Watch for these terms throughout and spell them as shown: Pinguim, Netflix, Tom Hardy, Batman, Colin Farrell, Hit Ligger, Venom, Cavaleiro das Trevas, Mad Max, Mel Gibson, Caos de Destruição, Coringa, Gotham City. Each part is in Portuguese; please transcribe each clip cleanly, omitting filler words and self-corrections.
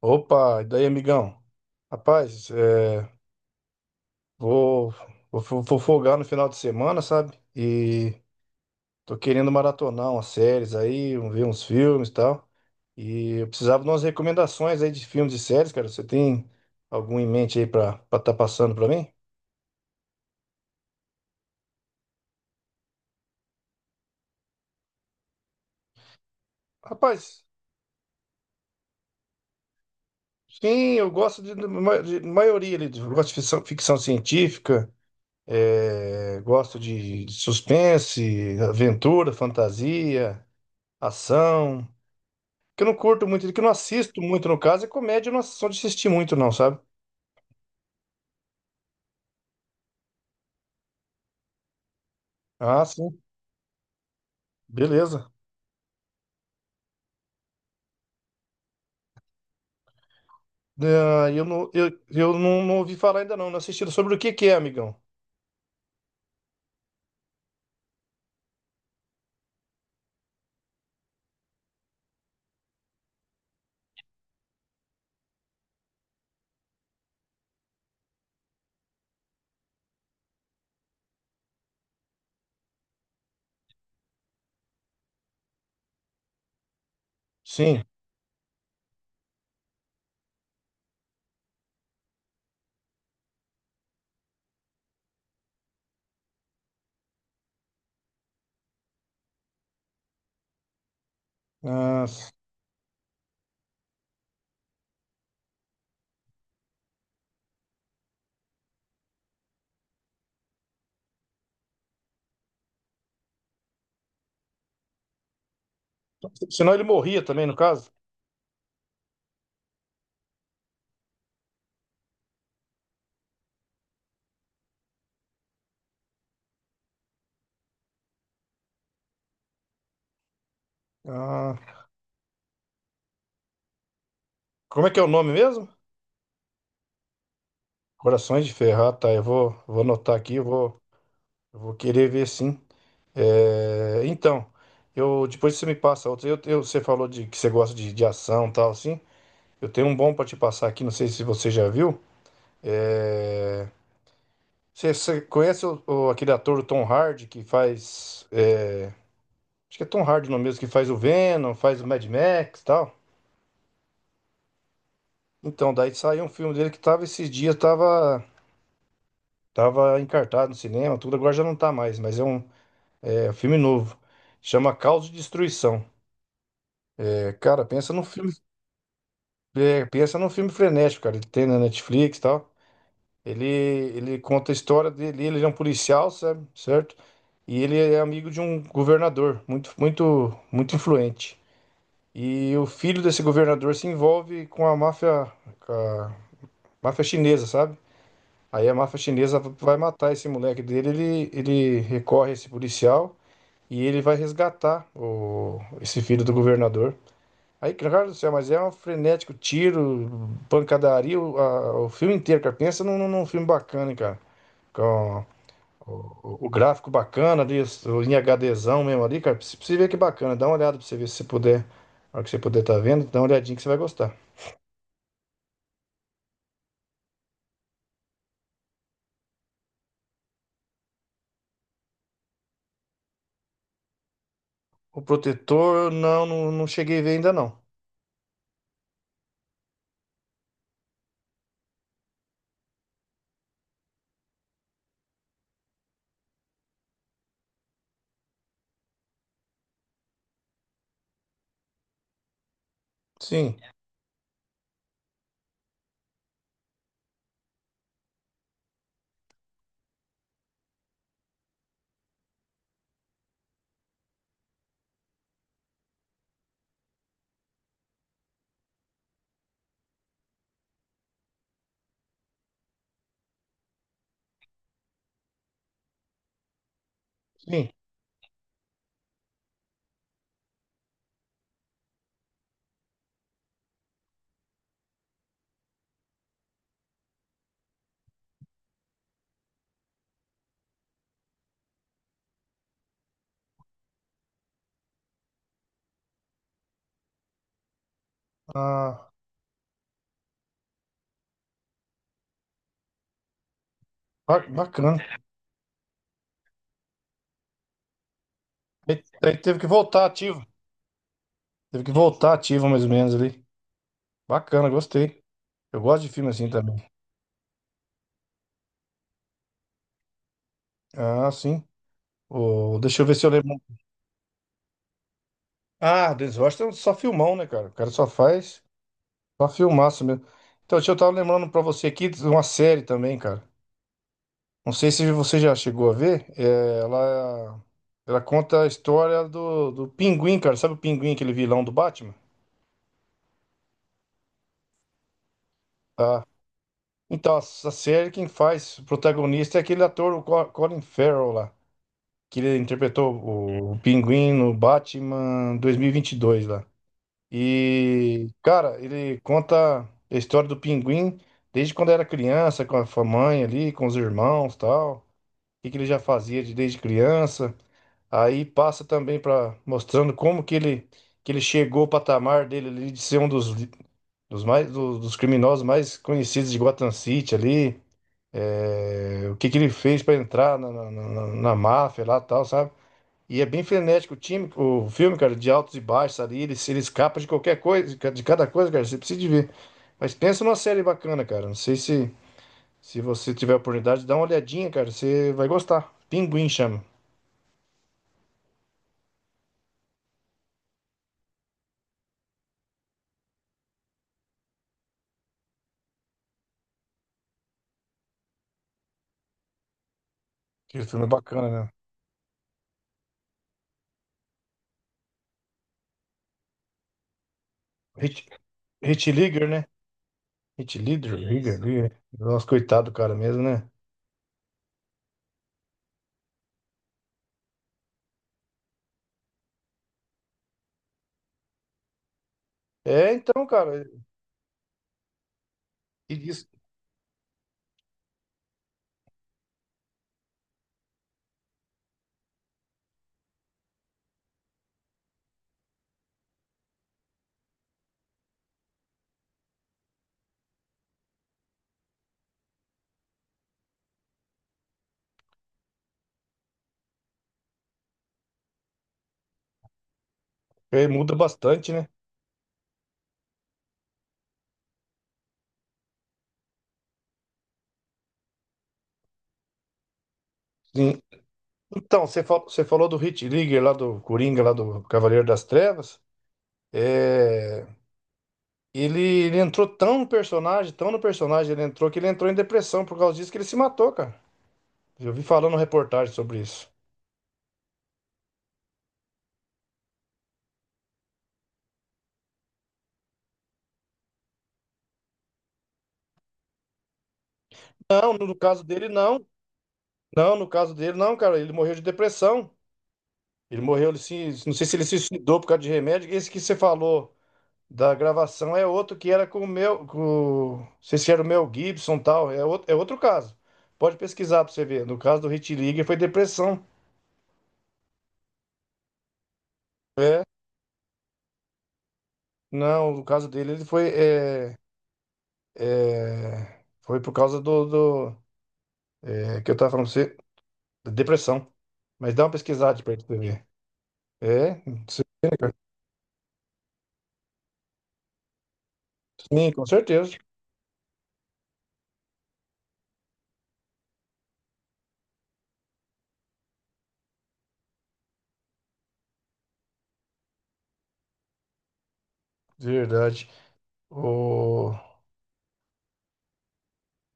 Opa, e daí, amigão? Rapaz, vou, vou folgar no final de semana, sabe? E tô querendo maratonar umas séries aí, ver uns filmes e tal. E eu precisava de umas recomendações aí de filmes e séries, cara. Você tem algum em mente aí pra estar tá passando pra mim? Rapaz, sim, de maioria ali. Eu gosto de ficção, ficção científica, gosto de suspense, aventura, fantasia, ação. Que eu não curto muito, que eu não assisto muito, no caso, é comédia, eu não sou de assistir muito, não, sabe? Ah, sim, beleza. Eu não ouvi falar ainda não, não assisti. Sobre o que que é, amigão? Sim. Ah, senão ele morria também, no caso. Ah, como é que é o nome mesmo? Corações de Ferro, ah, tá, vou anotar aqui, eu vou querer ver sim. É, então, eu depois você me passa outra. Você falou de que você gosta de ação e tal, assim. Eu tenho um bom pra te passar aqui, não sei se você já viu. É, você conhece aquele ator o Tom Hardy que faz. É, acho que é Tom Hardy no mesmo, que faz o Venom, faz o Mad Max e tal. Então, daí saiu um filme dele que tava esses dias, tava encartado no cinema, tudo, agora já não tá mais, é um filme novo. Chama Caos de Destruição. É, cara, pensa num filme. É, pensa num filme frenético, cara. Ele tem na Netflix e tal. Ele conta a história dele, ele é um policial, sabe? Certo? E ele é amigo de um governador muito, muito, muito influente. E o filho desse governador se envolve com a máfia chinesa, sabe? Aí a máfia chinesa vai matar esse moleque dele, ele recorre a esse policial e ele vai resgatar esse filho do governador. Aí, cara do céu, mas é um frenético tiro, pancadaria, o filme inteiro, cara. Pensa num num filme bacana, hein, cara. Com, o gráfico bacana ali, em HDzão mesmo ali, cara. Pra você ver que bacana. Dá uma olhada pra você ver se você puder. Na hora que você puder tá vendo, dá uma olhadinha que você vai gostar. O protetor, não, não cheguei a ver ainda não. Sim, sim. Ah, bacana. Aí, teve que voltar ativo. Teve que voltar ativo mais ou menos ali. Bacana, gostei. Eu gosto de filme assim também. Ah, sim. O, deixa eu ver se eu lembro. Ah, Denzel Washington é só filmão, né, cara? O cara só faz. Só filmaço mesmo. Então, deixa eu tava lembrando pra você aqui de uma série também, cara. Não sei se você já chegou a ver. É, ela conta a história do Pinguim, cara. Sabe o Pinguim, aquele vilão do Batman? Tá. Então, essa série quem faz o protagonista é aquele ator, o Colin Farrell lá. Que ele interpretou o Pinguim no Batman dois mil e vinte e dois lá. E, cara, ele conta a história do Pinguim desde quando era criança, com a mãe ali, com os irmãos tal. Que ele já fazia desde criança. Aí passa também para mostrando como que ele chegou ao patamar dele ali de ser um dos mais dos criminosos mais conhecidos de Gotham City ali. É, o que que ele fez para entrar na máfia lá e tal, sabe? E é bem frenético o time, o filme, cara, de altos e baixos ali, ele, se- ele escapa de qualquer coisa, de cada coisa, cara, você precisa de ver. Mas pensa numa série bacana, cara. Não sei se se você tiver a oportunidade, dá uma olhadinha, cara, você vai gostar. Pinguim chama. Que filme é bacana, né? Hit, Hit Ligger, né? Hit Leader, Ligger, Isso. Ligger. Nossa, coitado do cara mesmo, né? É, então, cara, e diz- é, muda bastante, né? Sim. Então, você falou do Hit Ligger lá do Coringa, lá do Cavaleiro das Trevas. É, ele entrou tão no personagem, ele entrou que ele entrou em depressão por causa disso que ele se matou, cara. Eu vi falando reportagem sobre isso. Não, no caso dele, não. Não, no caso dele, não, cara. Ele morreu de depressão. Ele morreu, ele se, não sei se ele se suicidou por causa de remédio. Esse que você falou da gravação é outro que era com o meu, com, não sei se era o Mel Gibson e tal, é outro caso. Pode pesquisar pra você ver. No caso do Hit League foi depressão. É, não, no caso dele ele foi, foi por causa do, do é, que eu tava falando pra você, da depressão. Mas dá uma pesquisada pra você ver. É, sim, com certeza. De verdade. O...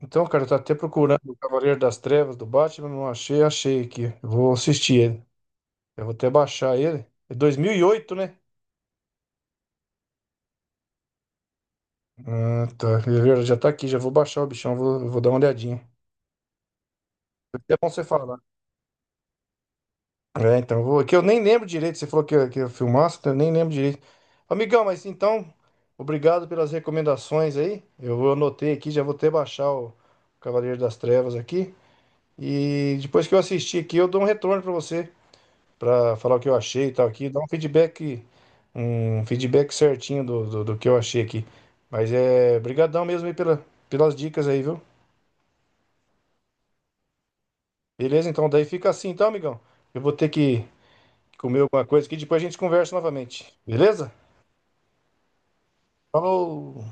Então, cara, eu tô até procurando o Cavaleiro das Trevas do Batman, não achei, achei aqui. Eu vou assistir ele. Eu vou até baixar ele. É 2008, né? Ah, tá. Eu já tá aqui, já vou baixar o bichão, vou dar uma olhadinha. Foi até bom você falar. Né? É, então, eu vou, que eu nem lembro direito, você falou que eu filmasse, então eu nem lembro direito. Amigão, mas então, obrigado pelas recomendações aí. Eu anotei aqui, já vou até baixar o Cavaleiro das Trevas aqui. E depois que eu assistir aqui, eu dou um retorno pra você. Para falar o que eu achei e tal aqui, dar um feedback certinho do que eu achei aqui. Mas é, brigadão mesmo aí pela, pelas dicas aí, viu? Beleza, então daí fica assim, então, amigão. Eu vou ter que comer alguma coisa aqui, depois a gente conversa novamente. Beleza? Falou!